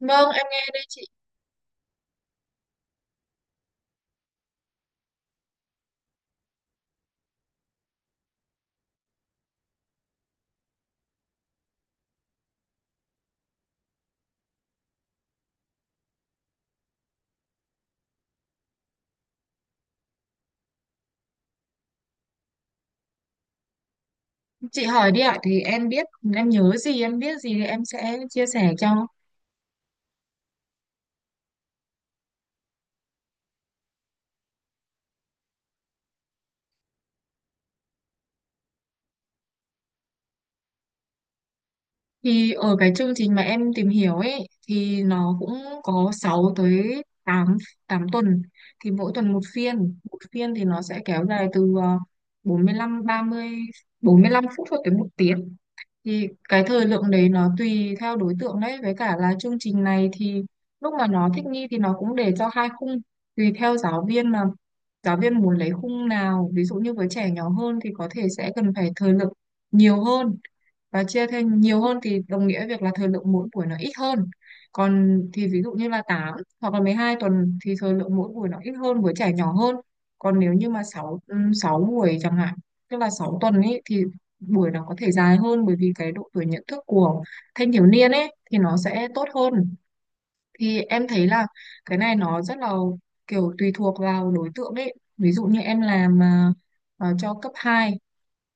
Vâng, em nghe đây chị. Chị hỏi đi ạ, thì em biết, em nhớ gì, em biết gì thì em sẽ chia sẻ cho. Thì ở cái chương trình mà em tìm hiểu ấy, thì nó cũng có 6 tới 8 8 tuần. Thì mỗi tuần một phiên thì nó sẽ kéo dài từ ờ, bốn mươi lăm ba mươi, 45 phút cho tới 1 tiếng. Thì cái thời lượng đấy nó tùy theo đối tượng đấy, với cả là chương trình này thì lúc mà nó thích nghi thì nó cũng để cho hai khung, tùy theo giáo viên mà giáo viên muốn lấy khung nào. Ví dụ như với trẻ nhỏ hơn thì có thể sẽ cần phải thời lượng nhiều hơn và chia thêm nhiều hơn, thì đồng nghĩa việc là thời lượng mỗi buổi nó ít hơn. Còn thì ví dụ như là 8 hoặc là 12 tuần thì thời lượng mỗi buổi nó ít hơn với trẻ nhỏ hơn. Còn nếu như mà 6 6 buổi chẳng hạn, tức là 6 tuần ấy, thì buổi nó có thể dài hơn bởi vì cái độ tuổi nhận thức của thanh thiếu niên ấy thì nó sẽ tốt hơn. Thì em thấy là cái này nó rất là kiểu tùy thuộc vào đối tượng ấy. Ví dụ như em làm cho cấp 2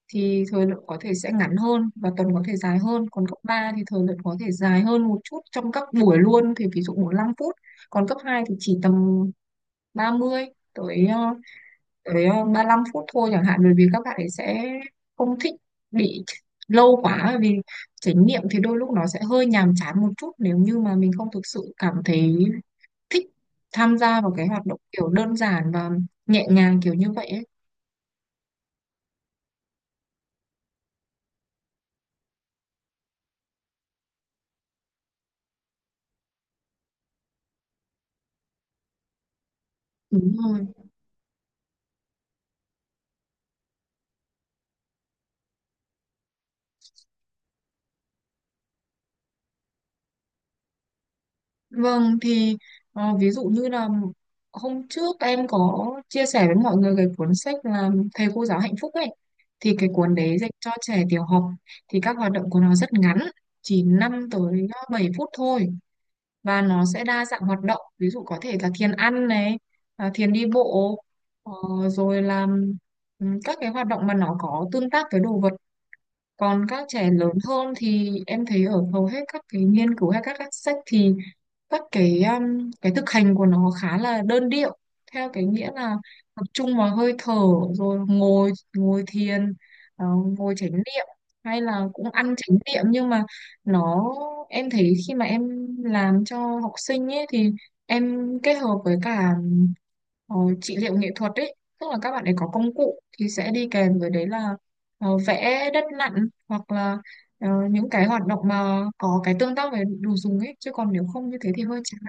thì thời lượng có thể sẽ ngắn hơn và tuần có thể dài hơn, còn cấp 3 thì thời lượng có thể dài hơn một chút trong các buổi luôn, thì ví dụ 45 phút. Còn cấp 2 thì chỉ tầm 30 tới 35 phút thôi chẳng hạn, bởi vì các bạn ấy sẽ không thích bị lâu quá, bởi vì trải nghiệm thì đôi lúc nó sẽ hơi nhàm chán một chút nếu như mà mình không thực sự cảm thấy thích tham gia vào cái hoạt động kiểu đơn giản và nhẹ nhàng kiểu như vậy ấy. Đúng rồi. Vâng thì ví dụ như là hôm trước em có chia sẻ với mọi người cái cuốn sách là Thầy cô giáo hạnh phúc ấy, thì cái cuốn đấy dành cho trẻ tiểu học, thì các hoạt động của nó rất ngắn, chỉ năm tới 7 phút thôi. Và nó sẽ đa dạng hoạt động, ví dụ có thể là thiền ăn này, à, thiền đi bộ, ờ, rồi là các cái hoạt động mà nó có tương tác với đồ vật. Còn các trẻ lớn hơn thì em thấy ở hầu hết các cái nghiên cứu hay các sách thì các cái thực hành của nó khá là đơn điệu, theo cái nghĩa là tập trung vào hơi thở, rồi ngồi ngồi thiền, ờ, ngồi chánh niệm, hay là cũng ăn chánh niệm. Nhưng mà nó, em thấy khi mà em làm cho học sinh ấy thì em kết hợp với cả ờ, trị liệu nghệ thuật ấy, tức là các bạn ấy có công cụ thì sẽ đi kèm với đấy là vẽ đất nặn, hoặc là những cái hoạt động mà có cái tương tác với đồ dùng ấy, chứ còn nếu không như thế thì hơi chán.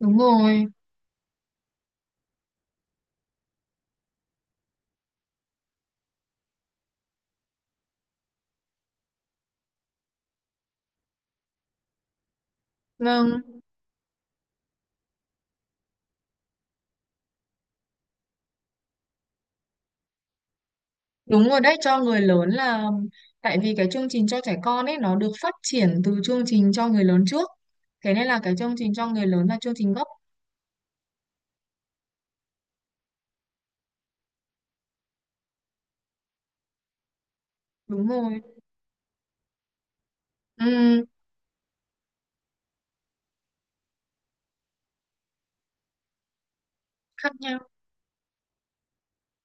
Đúng rồi. Vâng, đúng rồi đấy, cho người lớn là, tại vì cái chương trình cho trẻ con ấy nó được phát triển từ chương trình cho người lớn trước, thế nên là cái chương trình cho người lớn là chương trình gốc. Đúng rồi. Ừ, khác nhau.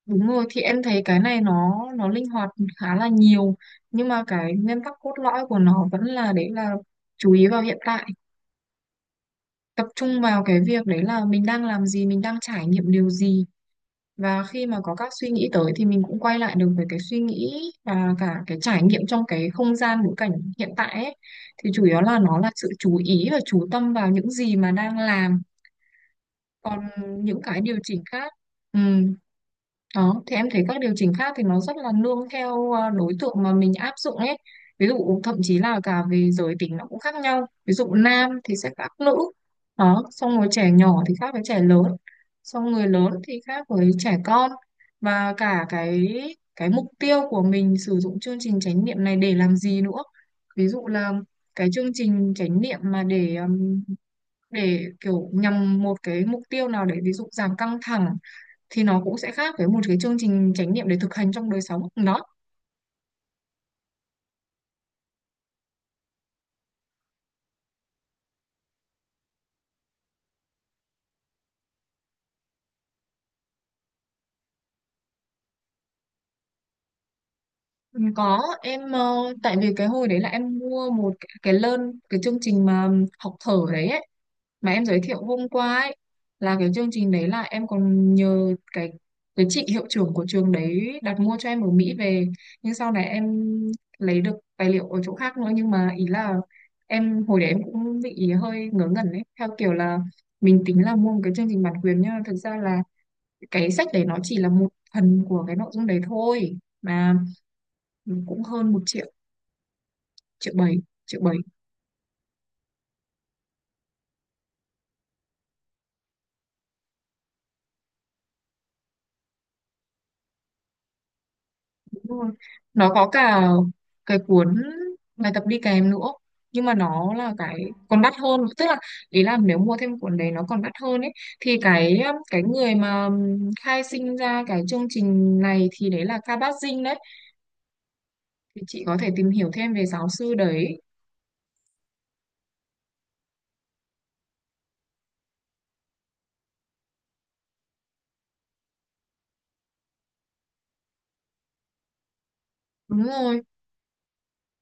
Đúng rồi, thì em thấy cái này nó linh hoạt khá là nhiều, nhưng mà cái nguyên tắc cốt lõi của nó vẫn là, đấy là chú ý vào hiện tại, tập trung vào cái việc đấy là mình đang làm gì, mình đang trải nghiệm điều gì. Và khi mà có các suy nghĩ tới thì mình cũng quay lại được với cái suy nghĩ và cả cái trải nghiệm trong cái không gian ngữ cảnh hiện tại ấy. Thì chủ yếu là nó là sự chú ý và chú tâm vào những gì mà đang làm, còn những cái điều chỉnh khác. Ừ. Đó, thì em thấy các điều chỉnh khác thì nó rất là nương theo đối tượng mà mình áp dụng ấy. Ví dụ thậm chí là cả về giới tính nó cũng khác nhau. Ví dụ nam thì sẽ khác nữ. Đó, xong rồi trẻ nhỏ thì khác với trẻ lớn. Xong người lớn thì khác với trẻ con. Và cả cái mục tiêu của mình sử dụng chương trình chánh niệm này để làm gì nữa. Ví dụ là cái chương trình chánh niệm mà để kiểu nhằm một cái mục tiêu nào, để ví dụ giảm căng thẳng, thì nó cũng sẽ khác với một cái chương trình chánh niệm để thực hành trong đời sống đó. Có, em tại vì cái hồi đấy là em mua cái learn, cái chương trình mà học thở đấy ấy, mà em giới thiệu hôm qua ấy. Là cái chương trình đấy là em còn nhờ cái chị hiệu trưởng của trường đấy đặt mua cho em ở Mỹ về. Nhưng sau này em lấy được tài liệu ở chỗ khác nữa, nhưng mà ý là em hồi đấy em cũng bị hơi ngớ ngẩn ấy, theo kiểu là mình tính là mua một cái chương trình bản quyền, nhưng mà thực ra là cái sách đấy nó chỉ là một phần của cái nội dung đấy thôi, mà cũng hơn 1 triệu, triệu bảy triệu bảy. Đúng rồi. Nó có cả cuốn bài tập đi kèm nữa, nhưng mà nó là cái còn đắt hơn, tức là ý là nếu mua thêm cuốn đấy nó còn đắt hơn ấy. Thì cái người mà khai sinh ra cái chương trình này thì đấy là Ka Bát Dinh đấy, thì chị có thể tìm hiểu thêm về giáo sư đấy. Đúng rồi,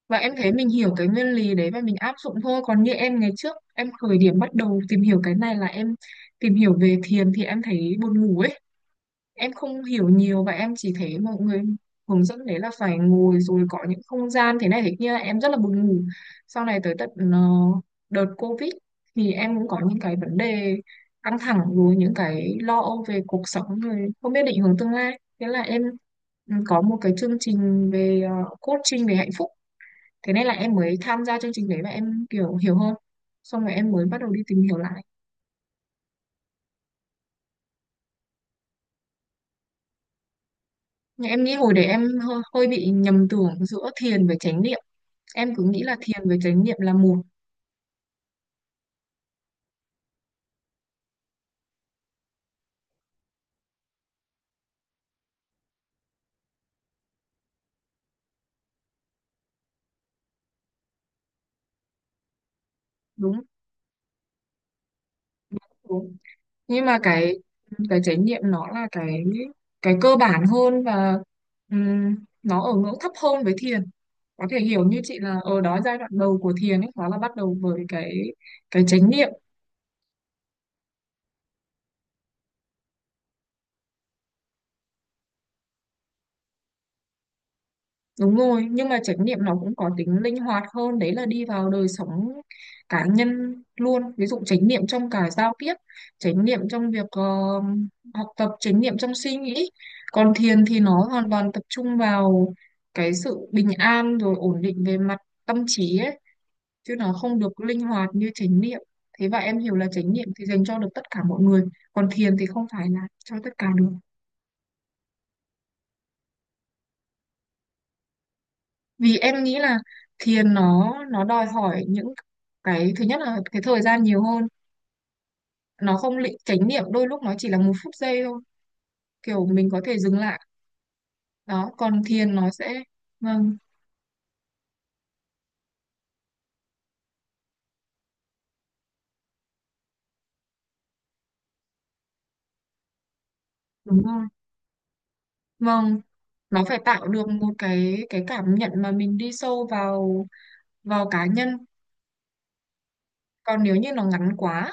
và em thấy mình hiểu cái nguyên lý đấy và mình áp dụng thôi. Còn như em ngày trước em khởi điểm bắt đầu tìm hiểu cái này là em tìm hiểu về thiền, thì em thấy buồn ngủ ấy, em không hiểu nhiều và em chỉ thấy mọi người hướng dẫn đấy là phải ngồi rồi có những không gian thế này thế kia, em rất là buồn ngủ. Sau này tới tận đợt Covid thì em cũng có những cái vấn đề căng thẳng rồi những cái lo âu về cuộc sống rồi không biết định hướng tương lai, thế là em có một cái chương trình về coaching về hạnh phúc, thế nên là em mới tham gia chương trình đấy và em kiểu hiểu hơn. Xong rồi em mới bắt đầu đi tìm hiểu lại. Nhưng em nghĩ hồi đấy em hơi bị nhầm tưởng giữa thiền với chánh niệm, em cứ nghĩ là thiền với chánh niệm là một. Đúng. Đúng. Nhưng mà cái chánh niệm nó là cái cơ bản hơn, và nó ở ngưỡng thấp hơn với thiền. Có thể hiểu như chị là ở đó giai đoạn đầu của thiền ấy, nó là bắt đầu với cái chánh niệm. Đúng rồi, nhưng mà chánh niệm nó cũng có tính linh hoạt hơn, đấy là đi vào đời sống cá nhân luôn. Ví dụ chánh niệm trong cả giao tiếp, chánh niệm trong việc học tập, chánh niệm trong suy nghĩ. Còn thiền thì nó hoàn toàn tập trung vào cái sự bình an rồi ổn định về mặt tâm trí ấy, chứ nó không được linh hoạt như chánh niệm. Thế và em hiểu là chánh niệm thì dành cho được tất cả mọi người, còn thiền thì không phải là cho tất cả được. Vì em nghĩ là thiền nó đòi hỏi những cái, thứ nhất là cái thời gian nhiều hơn. Nó không lị chánh niệm đôi lúc nó chỉ là một phút giây thôi, kiểu mình có thể dừng lại. Đó còn thiền nó sẽ. Vâng. Đúng rồi. Vâng. Nó phải tạo được một cái cảm nhận mà mình đi sâu vào vào cá nhân. Còn nếu như nó ngắn quá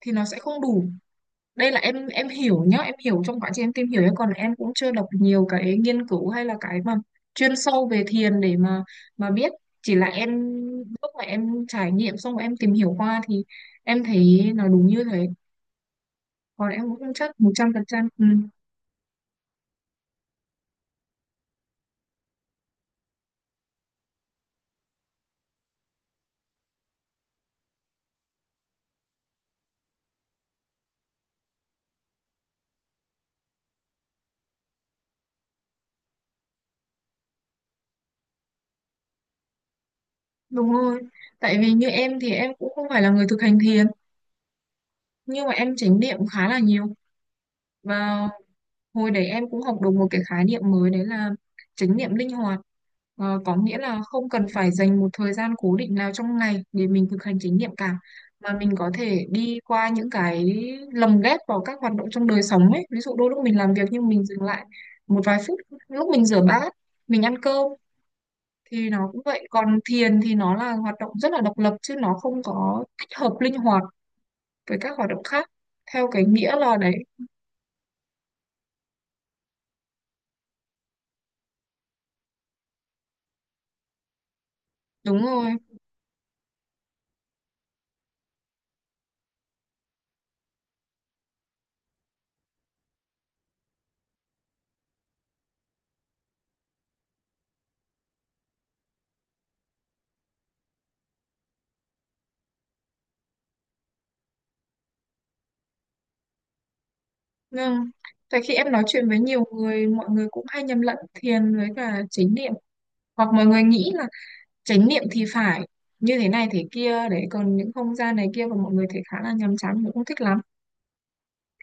thì nó sẽ không đủ. Đây là em hiểu nhá, em hiểu trong quá trình em tìm hiểu nhá. Còn em cũng chưa đọc nhiều cái nghiên cứu hay là cái mà chuyên sâu về thiền để mà biết, chỉ là em lúc mà em trải nghiệm xong rồi em tìm hiểu qua thì em thấy nó đúng như thế. Còn em cũng không chắc 100% đúng rồi. Tại vì như em thì em cũng không phải là người thực hành thiền, nhưng mà em chánh niệm khá là nhiều. Và hồi đấy em cũng học được một cái khái niệm mới đấy là chánh niệm linh hoạt. Có nghĩa là không cần phải dành một thời gian cố định nào trong ngày để mình thực hành chánh niệm cả, mà mình có thể đi qua những cái, lồng ghép vào các hoạt động trong đời sống ấy. Ví dụ đôi lúc mình làm việc nhưng mình dừng lại một vài phút, lúc mình rửa bát, mình ăn cơm thì nó cũng vậy. Còn thiền thì nó là hoạt động rất là độc lập chứ nó không có tích hợp linh hoạt với các hoạt động khác theo cái nghĩa là đấy. Đúng rồi. Vâng, tại khi em nói chuyện với nhiều người, mọi người cũng hay nhầm lẫn thiền với cả chánh niệm. Hoặc mọi người nghĩ là chánh niệm thì phải như thế này thế kia đấy, còn những không gian này kia của mọi người thì khá là nhàm chán, mình không thích lắm.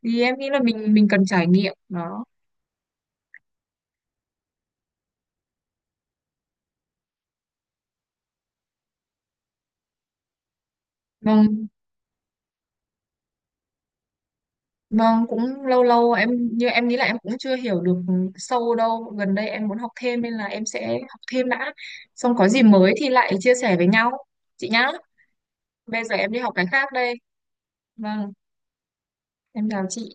Thì em nghĩ là mình cần trải nghiệm đó. Vâng, vâng cũng lâu lâu em, như em nghĩ là em cũng chưa hiểu được sâu đâu. Gần đây em muốn học thêm nên là em sẽ học thêm đã. Xong có gì mới thì lại chia sẻ với nhau. Chị nhá, bây giờ em đi học cái khác đây. Vâng, em chào chị.